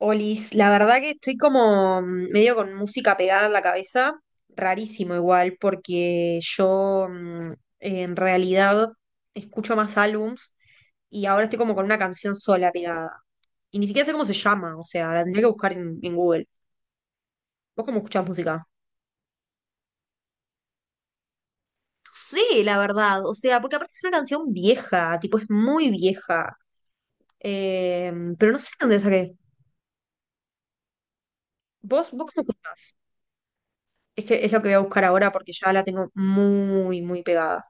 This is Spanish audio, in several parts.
Olis, la verdad que estoy como medio con música pegada en la cabeza, rarísimo igual, porque yo en realidad escucho más álbums y ahora estoy como con una canción sola pegada. Y ni siquiera sé cómo se llama, o sea, la tendría que buscar en Google. ¿Vos cómo escuchás música? No sé, la verdad, o sea, porque aparte es una canción vieja, tipo es muy vieja. Eh, pero no sé dónde la saqué. ¿Vos cómo escuchás? Es que es lo que voy a buscar ahora porque ya la tengo muy, muy pegada.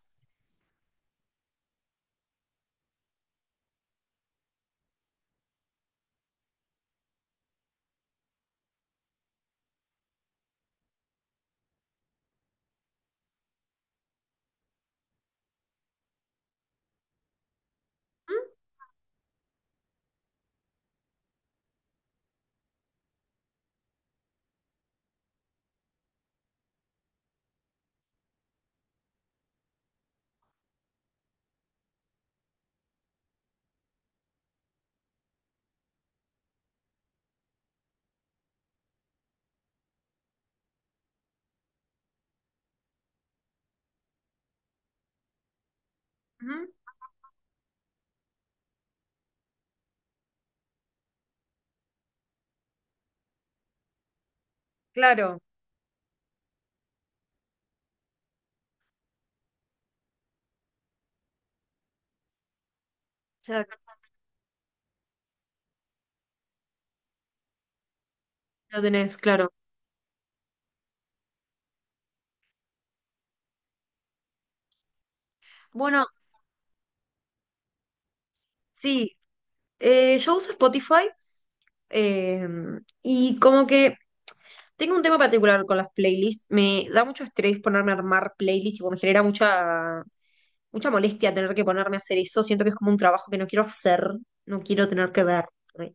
Ujú. Ujú. Claro, ya lo tenés, claro. Bueno, sí, yo uso Spotify, eh, y como que tengo un tema particular con las playlists. Me da mucho estrés ponerme a armar playlists, tipo, me genera mucha, mucha molestia tener que ponerme a hacer eso. Siento que es como un trabajo que no quiero hacer, no quiero tener que ver. ¿Eh?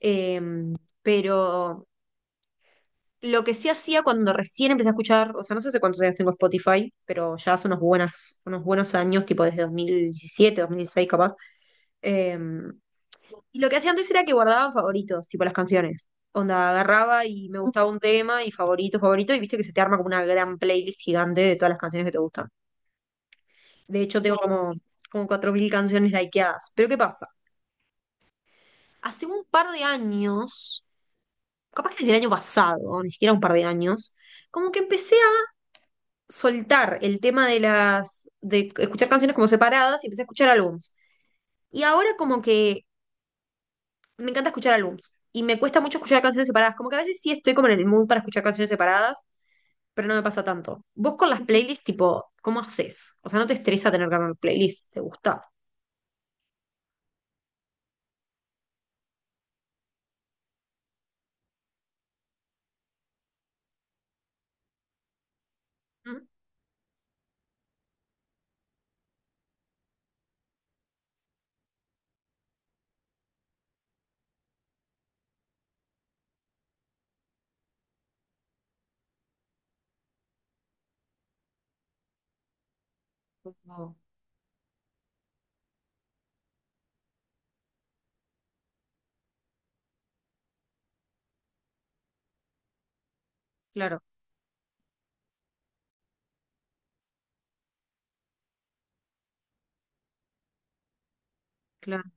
Em, pero lo que sí hacía cuando recién empecé a escuchar, o sea, no sé hace cuántos años tengo Spotify, pero ya hace unos buenos años, tipo desde 2017, 2016 capaz. eh, y lo que hacía antes era que guardaba favoritos, tipo las canciones. Onda, agarraba y me gustaba un tema y favorito, favorito, y viste que se te arma como una gran playlist gigante de todas las canciones que te gustan. De hecho, tengo como 4000 canciones likeadas. Pero ¿qué pasa? Hace un par de años, capaz que desde el año pasado, ni siquiera un par de años, como que empecé soltar el tema de de escuchar canciones como separadas y empecé a escuchar álbums. Y ahora como que me encanta escuchar álbums y me cuesta mucho escuchar canciones separadas. Como que a veces sí estoy como en el mood para escuchar canciones separadas, pero no me pasa tanto. Vos con las playlists, tipo, ¿cómo haces? O sea, ¿no te estresa tener que armar playlist? ¿Te gusta? ¿Mm? Como- Claro, claro.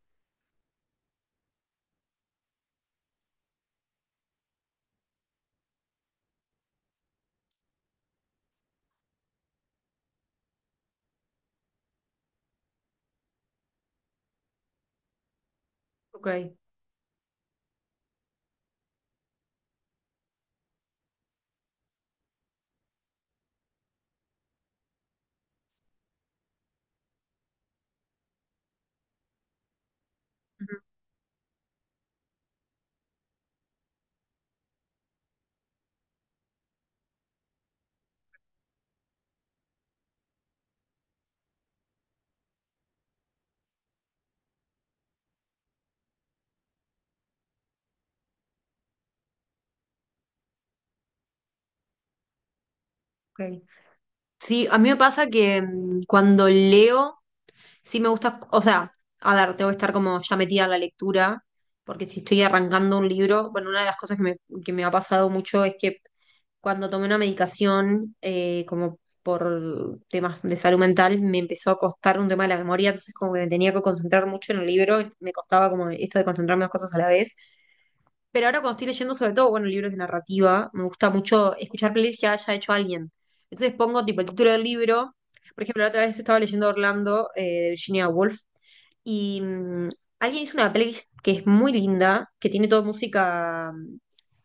Ok. Ujú, ok. Sí, a mí me pasa que cuando leo, sí me gusta, o sea, a ver, tengo que estar como ya metida en la lectura, porque si estoy arrancando un libro, bueno, una de las cosas que me ha pasado mucho es que cuando tomé una medicación, como por temas de salud mental, me empezó a costar un tema de la memoria, entonces como que me tenía que concentrar mucho en el libro, me costaba como esto de concentrarme en dos cosas a la vez. Pero ahora cuando estoy leyendo, sobre todo, bueno, libros de narrativa, me gusta mucho escuchar playlists que haya hecho alguien. Entonces pongo tipo el título del libro. Por ejemplo, la otra vez estaba leyendo Orlando, de Virginia Woolf, y alguien hizo una playlist que es muy linda, que tiene toda música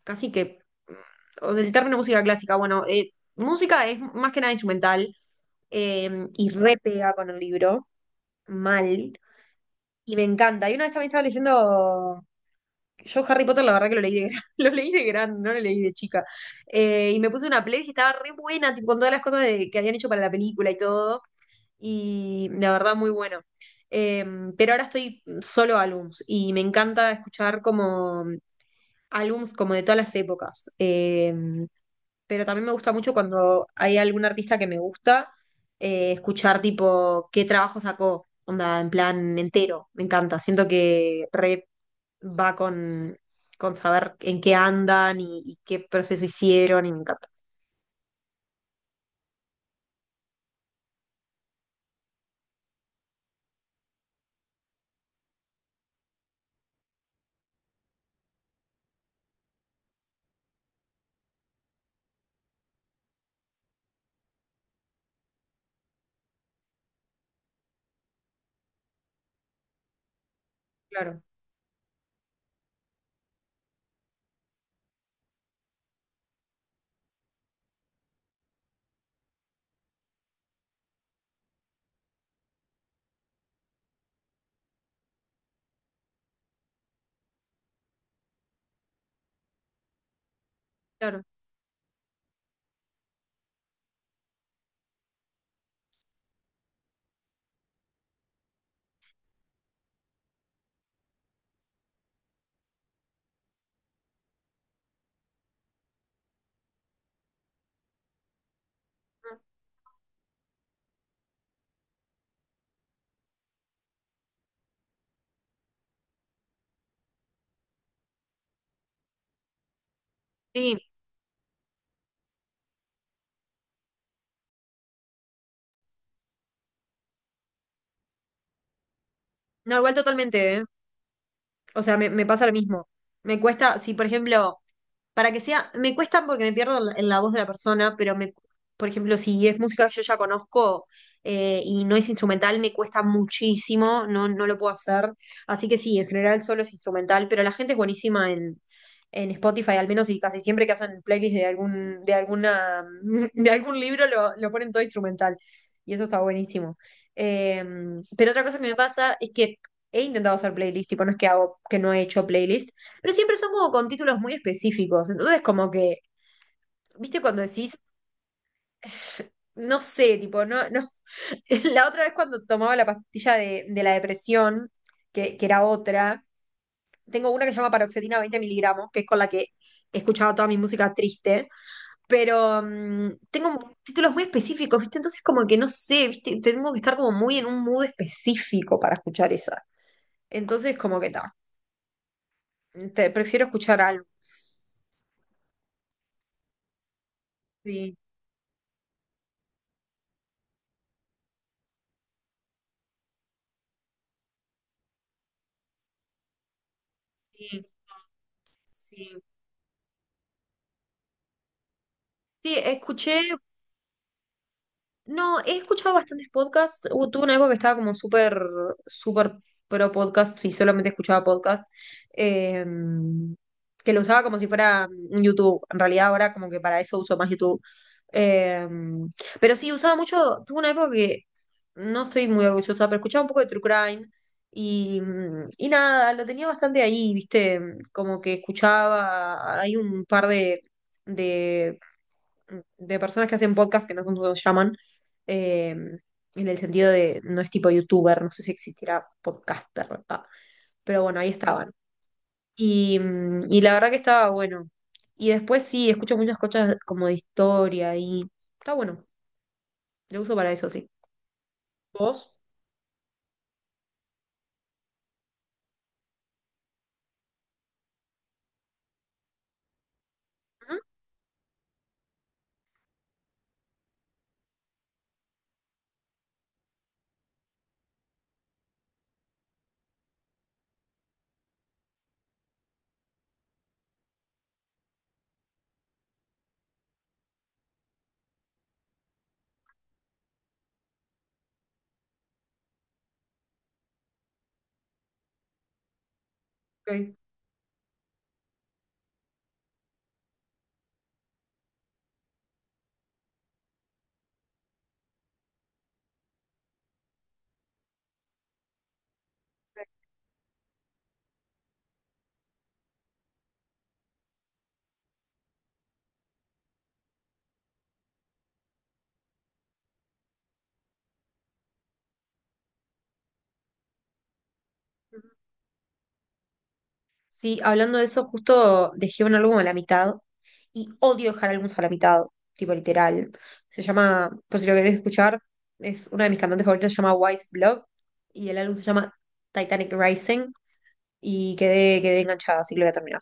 casi que, mm, o sea, el término música clásica, bueno, música es más que nada instrumental, eh, y re pega con el libro, mal, y me encanta. Y una vez también estaba leyendo yo Harry Potter, la verdad que lo leí de gran, lo leí de gran, no lo leí de chica. Y me puse una playlist y estaba re buena, tipo, con todas las cosas que habían hecho para la película y todo. Y la verdad muy bueno. Eh, pero ahora estoy solo álbums y me encanta escuchar como álbums como de todas las épocas. Pero también me gusta mucho cuando hay algún artista que me gusta, escuchar tipo qué trabajo sacó, onda, en plan entero. Me encanta, siento que re va con saber en qué andan y qué proceso hicieron y me encanta. Claro, claro. Sí, no, igual totalmente, ¿eh? O sea, me pasa lo mismo. Me cuesta, si por ejemplo, para que sea, me cuesta porque me pierdo en la voz de la persona, pero me, por ejemplo, si es música que yo ya conozco, y no es instrumental, me cuesta muchísimo, no, no lo puedo hacer. Así que sí, en general solo es instrumental, pero la gente es buenísima en Spotify, al menos y casi siempre que hacen playlists de algún, de alguna, de algún libro lo ponen todo instrumental. Y eso está buenísimo. Eh, pero otra cosa que me pasa es que he intentado hacer playlist, tipo, no es que hago, que no he hecho playlist, pero siempre son como con títulos muy específicos. Entonces, como que, ¿viste cuando decís, no sé, tipo, no, no? La otra vez cuando tomaba la pastilla de la depresión, que era otra, tengo una que se llama paroxetina 20 miligramos, que es con la que he escuchado toda mi música triste, pero tengo títulos muy específicos, ¿viste? Entonces como que no sé, ¿viste? Tengo que estar como muy en un mood específico para escuchar esa. Entonces como que está. Prefiero escuchar álbumes. Sí, sí, sí. Sí, escuché No, he escuchado bastantes podcasts. Tuve una época que estaba como súper, súper pro podcast y solamente escuchaba podcast. eh, que lo usaba como si fuera un YouTube. En realidad ahora como que para eso uso más YouTube. Eh, pero sí, usaba mucho. Tuve una época que no estoy muy orgullosa, pero escuchaba un poco de True Crime. Y nada, lo tenía bastante ahí, ¿viste? Como que escuchaba. Hay un par de de personas que hacen podcast, que no sé cómo se llaman, eh, en el sentido de no es tipo youtuber, no sé si existirá podcaster, ¿verdad? Pero bueno, ahí estaban. Y la verdad que estaba bueno. Y después sí, escucho muchas cosas como de historia y está bueno. Lo uso para eso, sí. ¿Vos? Ujú, ok. Sí, hablando de eso, justo dejé un álbum a la mitad y odio dejar álbumes a la mitad, tipo literal. Se llama, por si lo querés escuchar, es una de mis cantantes favoritas, se llama Wise Blood, y el álbum se llama Titanic Rising, y quedé enganchada, así que lo voy a terminar.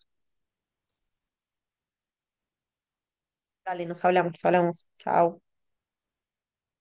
Dale, nos hablamos, nos hablamos. Chao.